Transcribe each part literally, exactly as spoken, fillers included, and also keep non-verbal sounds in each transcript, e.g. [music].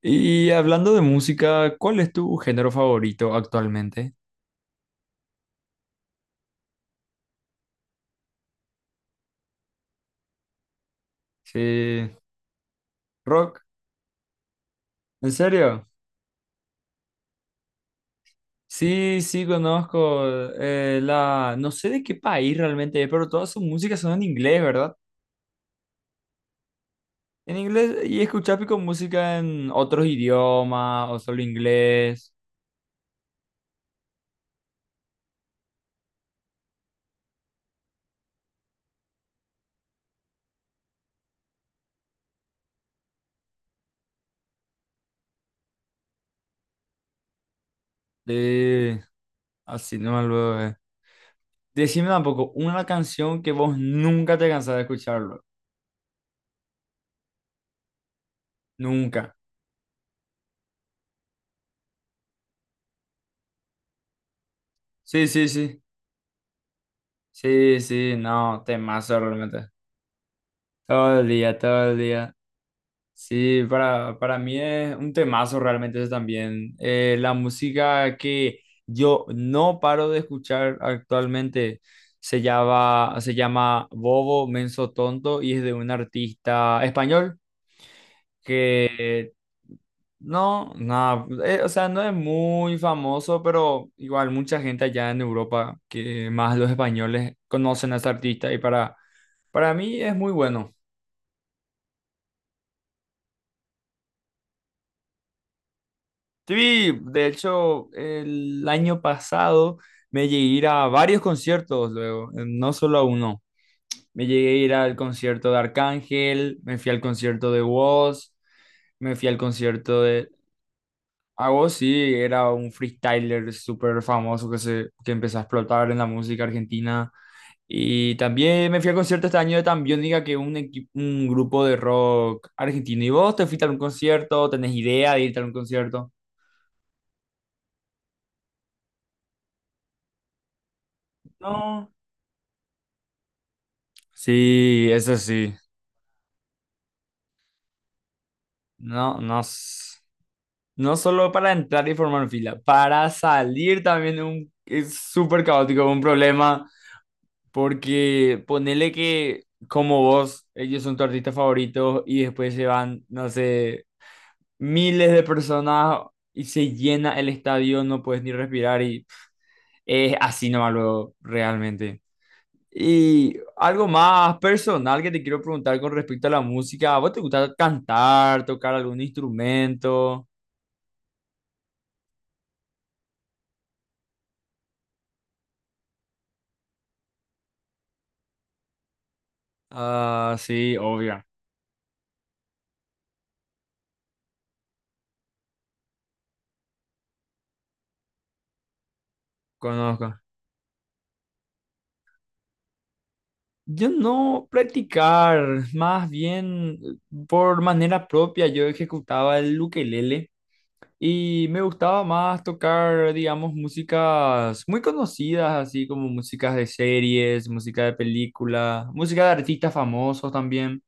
Y hablando de música, ¿cuál es tu género favorito actualmente? Sí, rock, ¿en serio? Sí, sí, conozco eh, la... No sé de qué país realmente es, pero todas sus músicas son en inglés, ¿verdad? En inglés, y escuchar pico música en otros idiomas o solo inglés. De... Así no me lo eh. Decime tampoco una canción que vos nunca te cansás de escucharlo. Nunca. Sí, sí, sí. Sí, sí, no, temazo realmente. Todo el día, todo el día. Sí, para, para mí es un temazo realmente eso también. Eh, la música que yo no paro de escuchar actualmente se llama, se llama Bobo Menso Tonto y es de un artista español que no, nada, eh, o sea, no es muy famoso, pero igual mucha gente allá en Europa, que más los españoles conocen a ese artista y para, para mí es muy bueno. Sí, de hecho, el año pasado me llegué a ir a varios conciertos luego, eh, no solo a uno. Me llegué a ir al concierto de Arcángel, me fui al concierto de Woz, me fui al concierto de... A Woz sí, era un freestyler súper famoso que, se, que empezó a explotar en la música argentina. Y también me fui al concierto este año de Tambiónica, que es un, equi- un grupo de rock argentino. ¿Y vos te fuiste a un concierto? ¿Tenés idea de irte a un concierto? No. Sí, eso sí. No, no, s- No solo para entrar y formar fila, para salir también un, es súper caótico, un problema, porque ponele que como vos, ellos son tu artista favorito y después se van, no sé, miles de personas y se llena el estadio, no puedes ni respirar y es así nomás luego, realmente. Y algo más personal que te quiero preguntar con respecto a la música. ¿A vos te gusta cantar, tocar algún instrumento? Ah, sí, obvio, conozco. Yo no practicar, más bien por manera propia yo ejecutaba el ukelele y me gustaba más tocar, digamos, músicas muy conocidas, así como músicas de series, música de películas, música de artistas famosos también.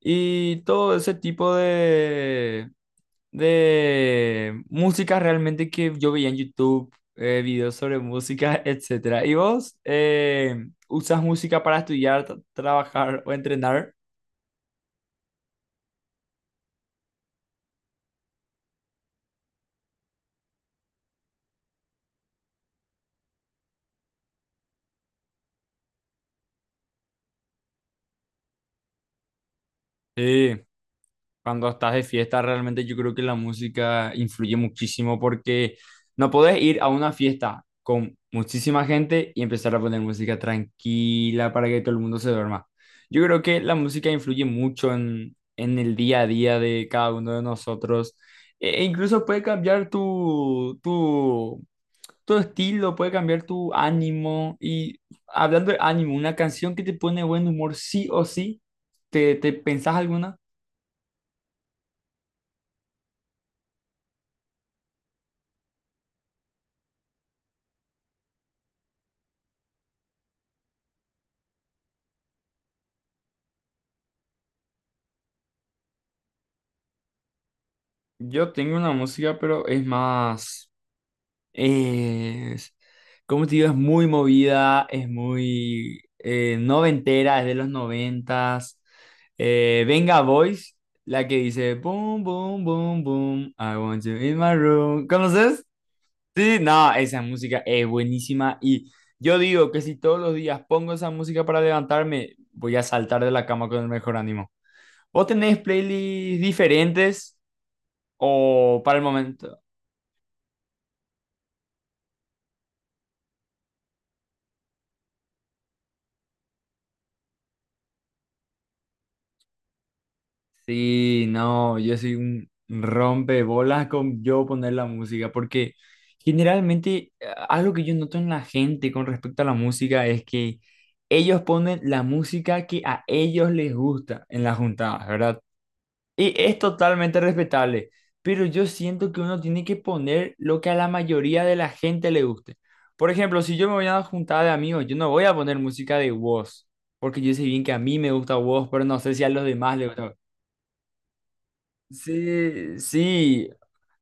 Y todo ese tipo de, de música realmente que yo veía en YouTube, eh, videos sobre música, [laughs] etcétera. ¿Y vos eh, usas música para estudiar, tra- trabajar o entrenar? Sí. Cuando estás de fiesta, realmente yo creo que la música influye muchísimo porque no podés ir a una fiesta con muchísima gente y empezar a poner música tranquila para que todo el mundo se duerma. Yo creo que la música influye mucho en, en el día a día de cada uno de nosotros. E e incluso puede cambiar tu, tu, tu estilo, puede cambiar tu ánimo. Y hablando de ánimo, una canción que te pone buen humor, sí o sí, ¿te, te pensás alguna? Yo tengo una música, pero es más, es, como te digo, es muy movida, es muy eh, noventera, es de los noventas. Eh, Venga Boys, la que dice, boom, boom, boom, boom, I want you in my room. ¿Conoces? Sí, no, esa música es buenísima y yo digo que si todos los días pongo esa música para levantarme, voy a saltar de la cama con el mejor ánimo. ¿Vos tenés playlists diferentes? O para el momento. Sí, no, yo soy un rompebolas con yo poner la música, porque generalmente eh, algo que yo noto en la gente con respecto a la música es que ellos ponen la música que a ellos les gusta en las juntadas, ¿verdad? Y es totalmente respetable, pero yo siento que uno tiene que poner lo que a la mayoría de la gente le guste. Por ejemplo, si yo me voy a una juntada de amigos, yo no voy a poner música de Wos, porque yo sé bien que a mí me gusta Wos, pero no sé si a los demás les gusta. Sí, sí,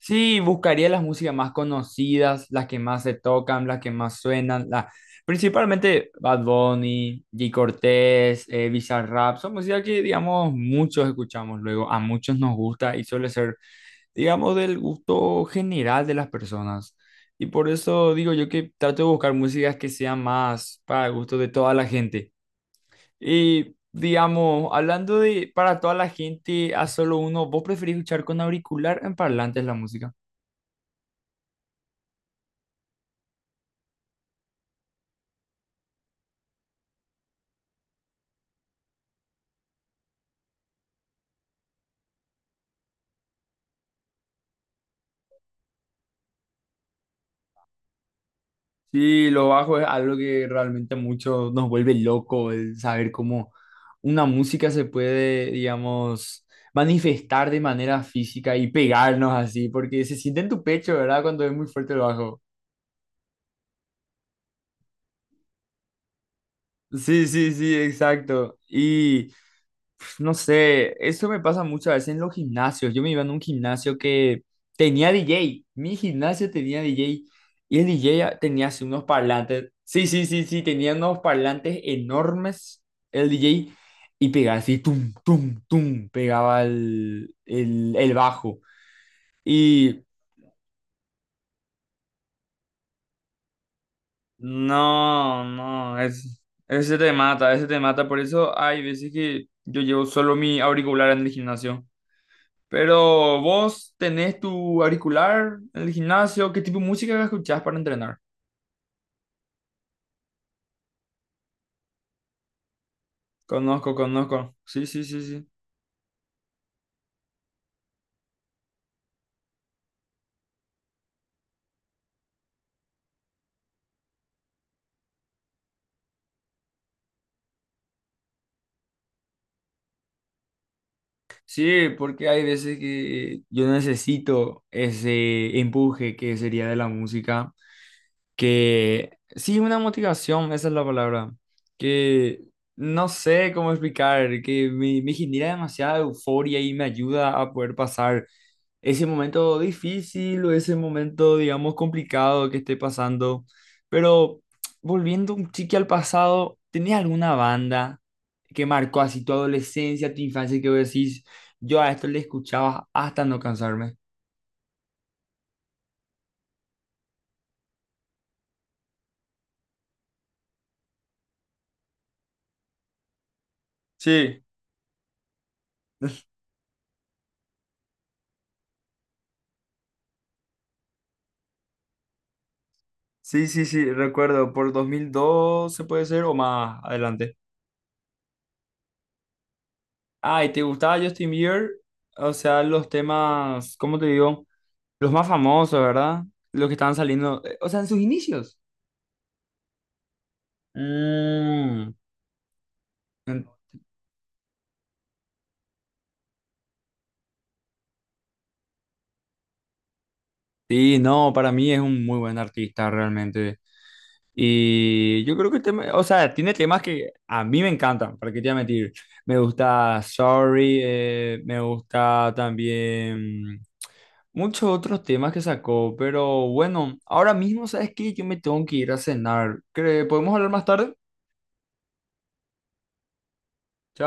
sí, buscaría las músicas más conocidas, las que más se tocan, las que más suenan, la- principalmente Bad Bunny, G. Cortés, eh, Bizarrap, son músicas que, digamos, muchos escuchamos luego, a muchos nos gusta y suele ser, digamos, del gusto general de las personas. Y por eso digo yo que trato de buscar músicas que sean más para el gusto de toda la gente. Y digamos, hablando de para toda la gente a solo uno, ¿vos preferís escuchar con auricular o en parlantes la música? Sí, lo bajo es algo que realmente mucho nos vuelve loco, el saber cómo una música se puede, digamos, manifestar de manera física y pegarnos así, porque se siente en tu pecho, ¿verdad? Cuando es muy fuerte el bajo. Sí, sí, sí, exacto. Y no sé, eso me pasa muchas veces en los gimnasios. Yo me iba en un gimnasio que tenía D J. Mi gimnasio tenía D J. Y el D J a- tenía así unos parlantes. Sí, sí, sí, sí, tenía unos parlantes enormes el D J. Y pegaba así, tum, tum, tum, pegaba el, el, el bajo. Y no, no, es, ese te mata, ese te mata. Por eso hay veces que yo llevo solo mi auricular en el gimnasio. Pero vos tenés tu auricular en el gimnasio, ¿qué tipo de música escuchás para entrenar? Conozco, conozco. Sí, sí, sí, sí. Sí, porque hay veces que yo necesito ese empuje que sería de la música que sí, una motivación, esa es la palabra, que no sé cómo explicar, que me, me genera demasiada euforia y me ayuda a poder pasar ese momento difícil o ese momento, digamos, complicado que esté pasando. Pero [tsk] volviendo un chique al pasado, ¿tenías alguna banda que marcó así tu adolescencia, tu infancia, que vos decís, yo a esto le escuchaba hasta no cansarme? Sí, [laughs] sí, sí, sí, recuerdo, por dos mil doce puede ser o más adelante. Ah, ¿y te gustaba Justin Bieber? O sea, los temas, ¿cómo te digo? Los más famosos, ¿verdad? Los que estaban saliendo, eh, o sea, en sus inicios. Mm, en- sí, no, para mí es un muy buen artista realmente. Y yo creo que el tema, o sea, tiene temas que a mí me encantan, ¿para qué te voy a mentir? Me gusta Sorry, eh, me gusta también... Muchos otros temas que sacó, pero bueno, ahora mismo, ¿sabes qué? Yo me tengo que ir a cenar. ¿Cre- ¿Podemos hablar más tarde?